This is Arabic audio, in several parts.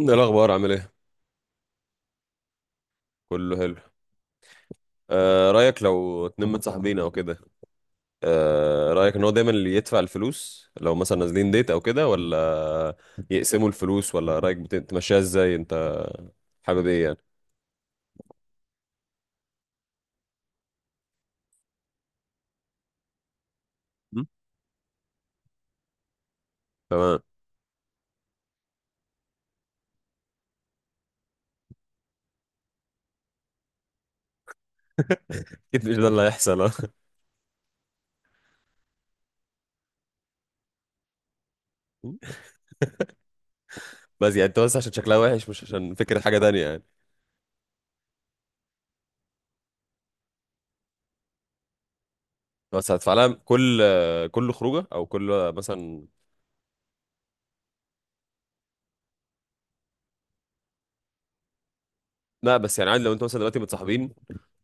ايه الاخبار عامل ايه؟ كله حلو. آه، رايك لو اتنين متصاحبين او كده؟ آه، رايك ان هو دايما اللي يدفع الفلوس لو مثلا نازلين ديت او كده، ولا يقسموا الفلوس؟ ولا رايك تمشيها ازاي انت؟ حابب ايه يعني؟ مم. تمام. اكيد مش ده اللي هيحصل، آه. بس يعني انت بس عشان شكلها وحش، مش عشان فكره حاجه تانية يعني؟ بس هتدفع لها كل كل خروجه، او كل مثلا؟ لا، بس يعني عادي لو انتوا مثلا دلوقتي متصاحبين،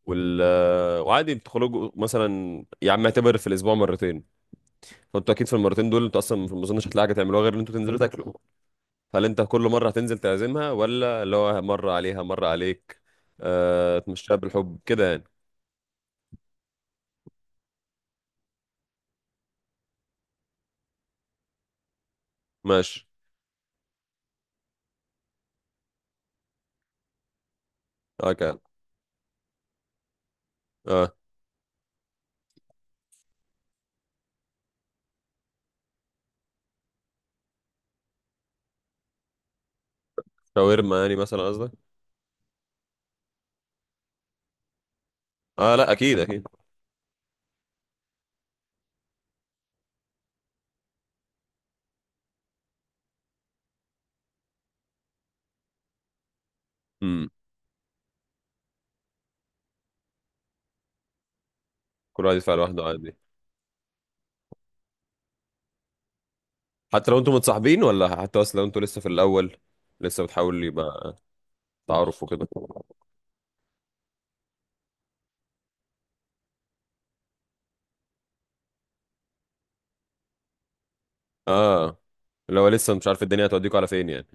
وال آه، وعادي بتخرجوا مثلا، يا عم اعتبر في الاسبوع مرتين، فانتوا اكيد في المرتين دول انتوا اصلا ما اظنش هتلاقي حاجه تعملوها غير ان انتوا تنزلوا تاكلوا. هل انت كل مره هتنزل تعزمها، ولا اللي هو مره عليها مره عليك؟ آه، تمشيها بالحب كده يعني. ماشي. اوكي. اه. شاورما يعني مثلا قصدك؟ اه لا اكيد اكيد. امم. كل واحد يدفع لوحده عادي. حتى لو انتوا متصاحبين، ولا حتى اصلا لو انتوا لسه في الاول، لسه بتحاول يبقى تعارف وكده؟ اه. اللي هو لسه مش عارف الدنيا هتوديكوا على فين يعني.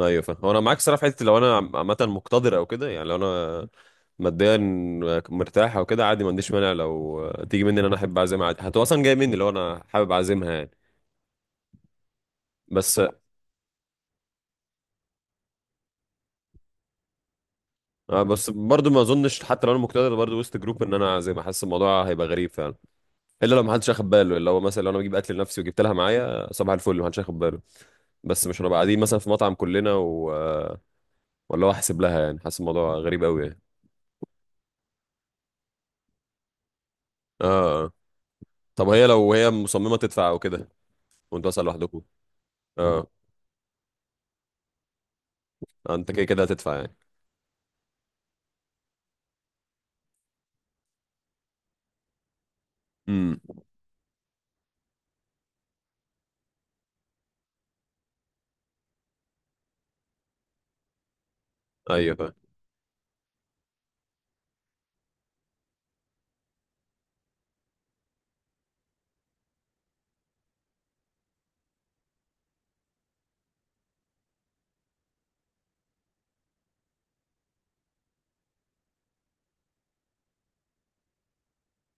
ايوه فاهم. هو انا معاك صراحه في حته، لو انا عامه مقتدر او كده، يعني لو انا ماديا مرتاح او كده، عادي ما عنديش مانع لو تيجي مني ان انا احب اعزمها، عادي هتبقى اصلا جايه مني لو انا حابب اعزمها يعني. بس. بس برضو ما اظنش حتى لو انا مقتدر، برضو وسط جروب ان انا اعزمها، حاسس الموضوع هيبقى غريب فعلا. الا لو ما حدش اخد باله، اللي هو مثلا لو انا بجيب اكل لنفسي وجبت لها معايا، صباح الفل ما حدش اخد باله. بس مش هنبقى قاعدين مثلا في مطعم كلنا و... آه، ولا هو احسب لها يعني، حاسس الموضوع غريب قوي يعني. اه. آه. طب هي لو هي مصممه تدفع او كده، وانتوا اصلا لوحدكم؟ اه. آه، انت كده كده هتدفع يعني. امم. ايوه فاهم.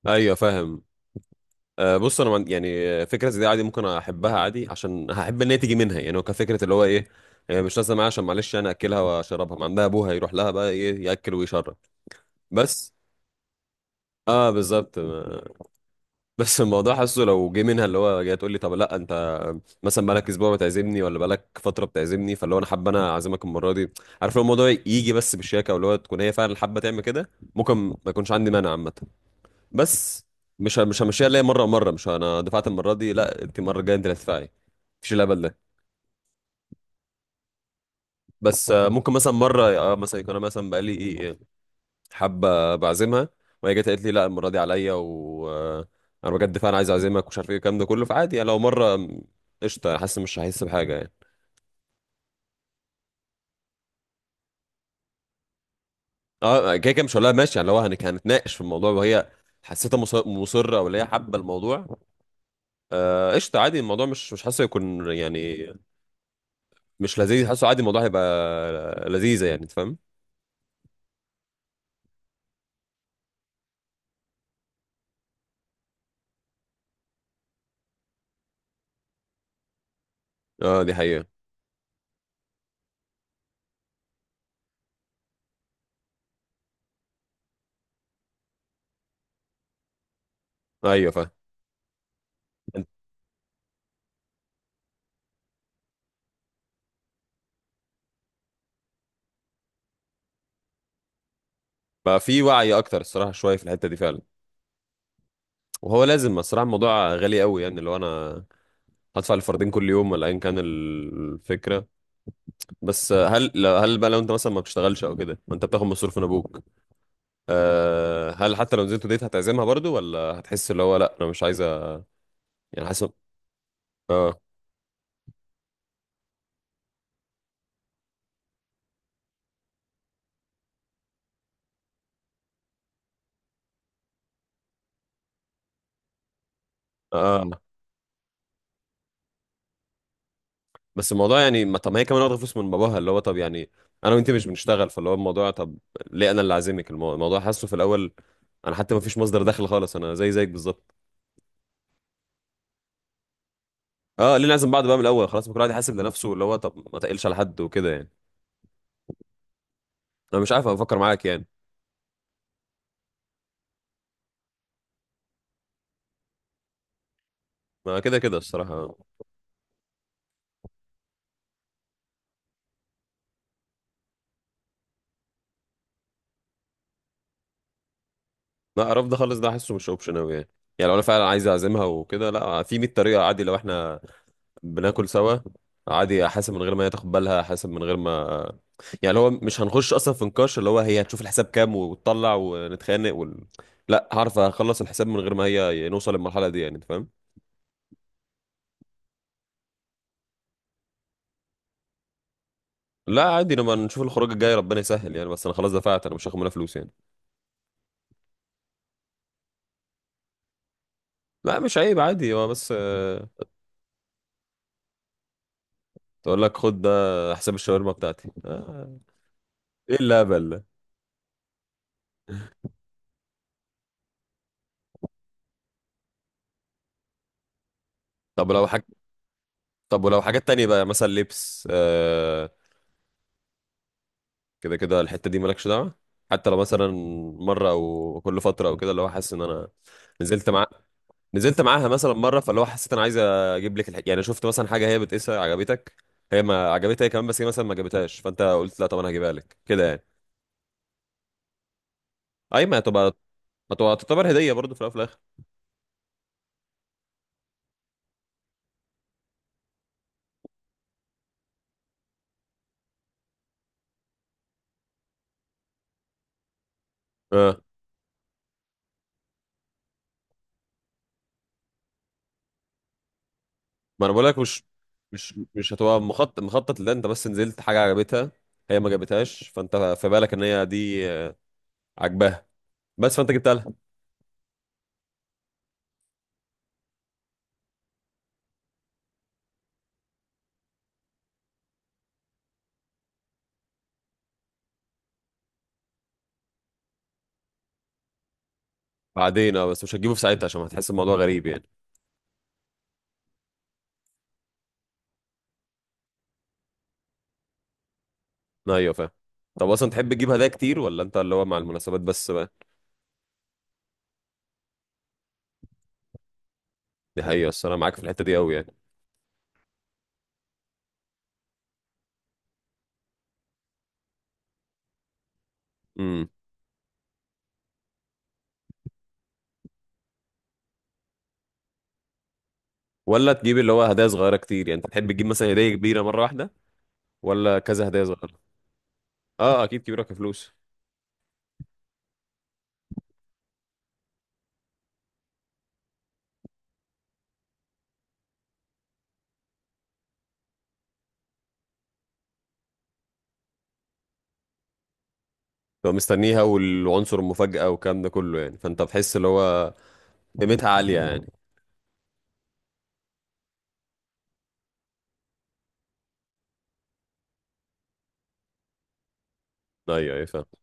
ايوه فاهم. آه بص، انا يعني فكره زي دي عادي ممكن احبها، عادي عشان هحب ان هي تيجي منها يعني، هو كفكره اللي هو ايه، مش لازم معايا عشان معلش انا اكلها واشربها، ما عندها ابوها يروح لها بقى ايه ياكل ويشرب. بس. اه بالظبط بس الموضوع، حاسه لو جه منها اللي هو جاي تقول لي طب لا انت مثلا بقالك اسبوع بتعزمني، ولا بقالك فتره بتعزمني، فاللي هو انا حابه انا اعزمك المره دي. عارف لو الموضوع يجي بس بالشياكه، واللي هو تكون هي فعلا حابه تعمل كده، ممكن ما يكونش عندي مانع عامه. بس مش همشيها ليا مره مره، مش انا دفعت المره دي لا انت المره الجايه انت اللي هتدفعي، مفيش الهبل ده. بس آه، ممكن مثلا مره، مثلا يكون انا مثلا بقالي ايه حابه بعزمها، وهي جت قالت لي لا المره دي عليا، و آه، انا بجد فعلا عايز اعزمك ومش عارف ايه الكلام ده كله، فعادي يعني لو مره قشطه، حاسس مش هحس بحاجه يعني. اه كده كده مش هقول لها ماشي يعني، لو هنتناقش في الموضوع وهي حسيتها مصره، ولا هي حابه الموضوع، قشطه عادي، الموضوع مش مش حاسه يكون يعني مش لذيذ، حاسه عادي الموضوع هيبقى لذيذة يعني، انت فاهم. اه دي حقيقة. ايوه فاهم. بقى في وعي اكتر الصراحة شوية في الحتة دي فعلا. وهو لازم الصراحة الموضوع غالي قوي يعني، لو انا هدفع الفردين كل يوم، ولا ايا كان الفكرة. بس هل بقى لو انت مثلا ما بتشتغلش او كده، وانت بتاخد مصروف من ابوك، أه هل حتى لو نزلت ديت هتعزمها برضو، ولا هتحس اللي هو لا انا مش عايزة يعني، حاسس. اه. اه بس الموضوع يعني ما، طب ما هي كمان واخده فلوس من باباها، اللي هو طب يعني انا وانت مش بنشتغل، فاللي هو الموضوع، طب ليه انا اللي عازمك الموضوع حاسه في الاول انا حتى ما فيش مصدر دخل خالص، انا زي زيك بالظبط. اه ليه نعزم بعض بقى من الاول، خلاص ما كل واحد يحاسب لنفسه، اللي هو طب ما تقلش على حد وكده يعني. انا مش عارف انا بفكر معاك يعني. ما كده كده الصراحه. لا رفض خالص ده حاسه مش اوبشن قوي يعني، يعني لو انا فعلا عايز اعزمها وكده، لا في 100 طريقه، عادي لو احنا بناكل سوا، عادي حاسب من غير ما هي تاخد بالها، حاسب من غير ما يعني اللي هو مش هنخش اصلا في نقاش، اللي هو هي هتشوف الحساب كام وتطلع ونتخانق لا هعرف اخلص الحساب من غير ما هي نوصل للمرحله دي يعني، انت فاهم. لا عادي لما نشوف الخروج الجاي ربنا يسهل يعني، بس انا خلاص دفعت، انا مش هاخد منها فلوس يعني. لا مش عيب، عادي هو بس، تقول لك خد ده، حساب الشاورما بتاعتي، ايه الهبل ده! طب لو حاجه، طب ولو حاجات تانية بقى مثلا لبس، كده كده الحتة دي مالكش دعوة. حتى لو مثلا مرة أو كل فترة أو كده، اللي هو حاسس إن أنا نزلت مع نزلت معاها مثلا مرة، فاللي هو حسيت أنا عايز أجيب لك يعني شفت مثلا حاجة هي بتقيسها عجبتك، هي ما عجبتها هي كمان، بس هي مثلا ما جابتهاش، فأنت قلت لا طب أنا هجيبها لك كده يعني. أي ما هتبقى، هتبقى تعتبر هدية برضه في الأول وفي الآخر. أه ما أنا بقول لك مش، مش هتبقى مخطط لده، أنت بس نزلت حاجة عجبتها، هي ما جابتهاش، فأنت في بالك إن هي دي عاجباها، بس فأنت جبتها لها. بعدين اه، بس مش هتجيبه في ساعتها عشان هتحس الموضوع غريب يعني. ايوه فاهم. طب اصلا تحب تجيب هدايا كتير، ولا انت اللي هو مع المناسبات بس بقى؟ دي حقيقة، بس انا معاك في الحتة دي قوي يعني. امم. ولا تجيب اللي هو هدايا صغيرة كتير، يعني انت تحب تجيب مثلا هدية كبيرة مرة واحدة، ولا كذا هدايا صغيرة؟ اه اكيد كبيرة كفلوس. تبقى مستنيها، والعنصر المفاجأة والكلام ده كله يعني، فانت بتحس اللي هو قيمتها عالية يعني. ايوه ايوه فاهم.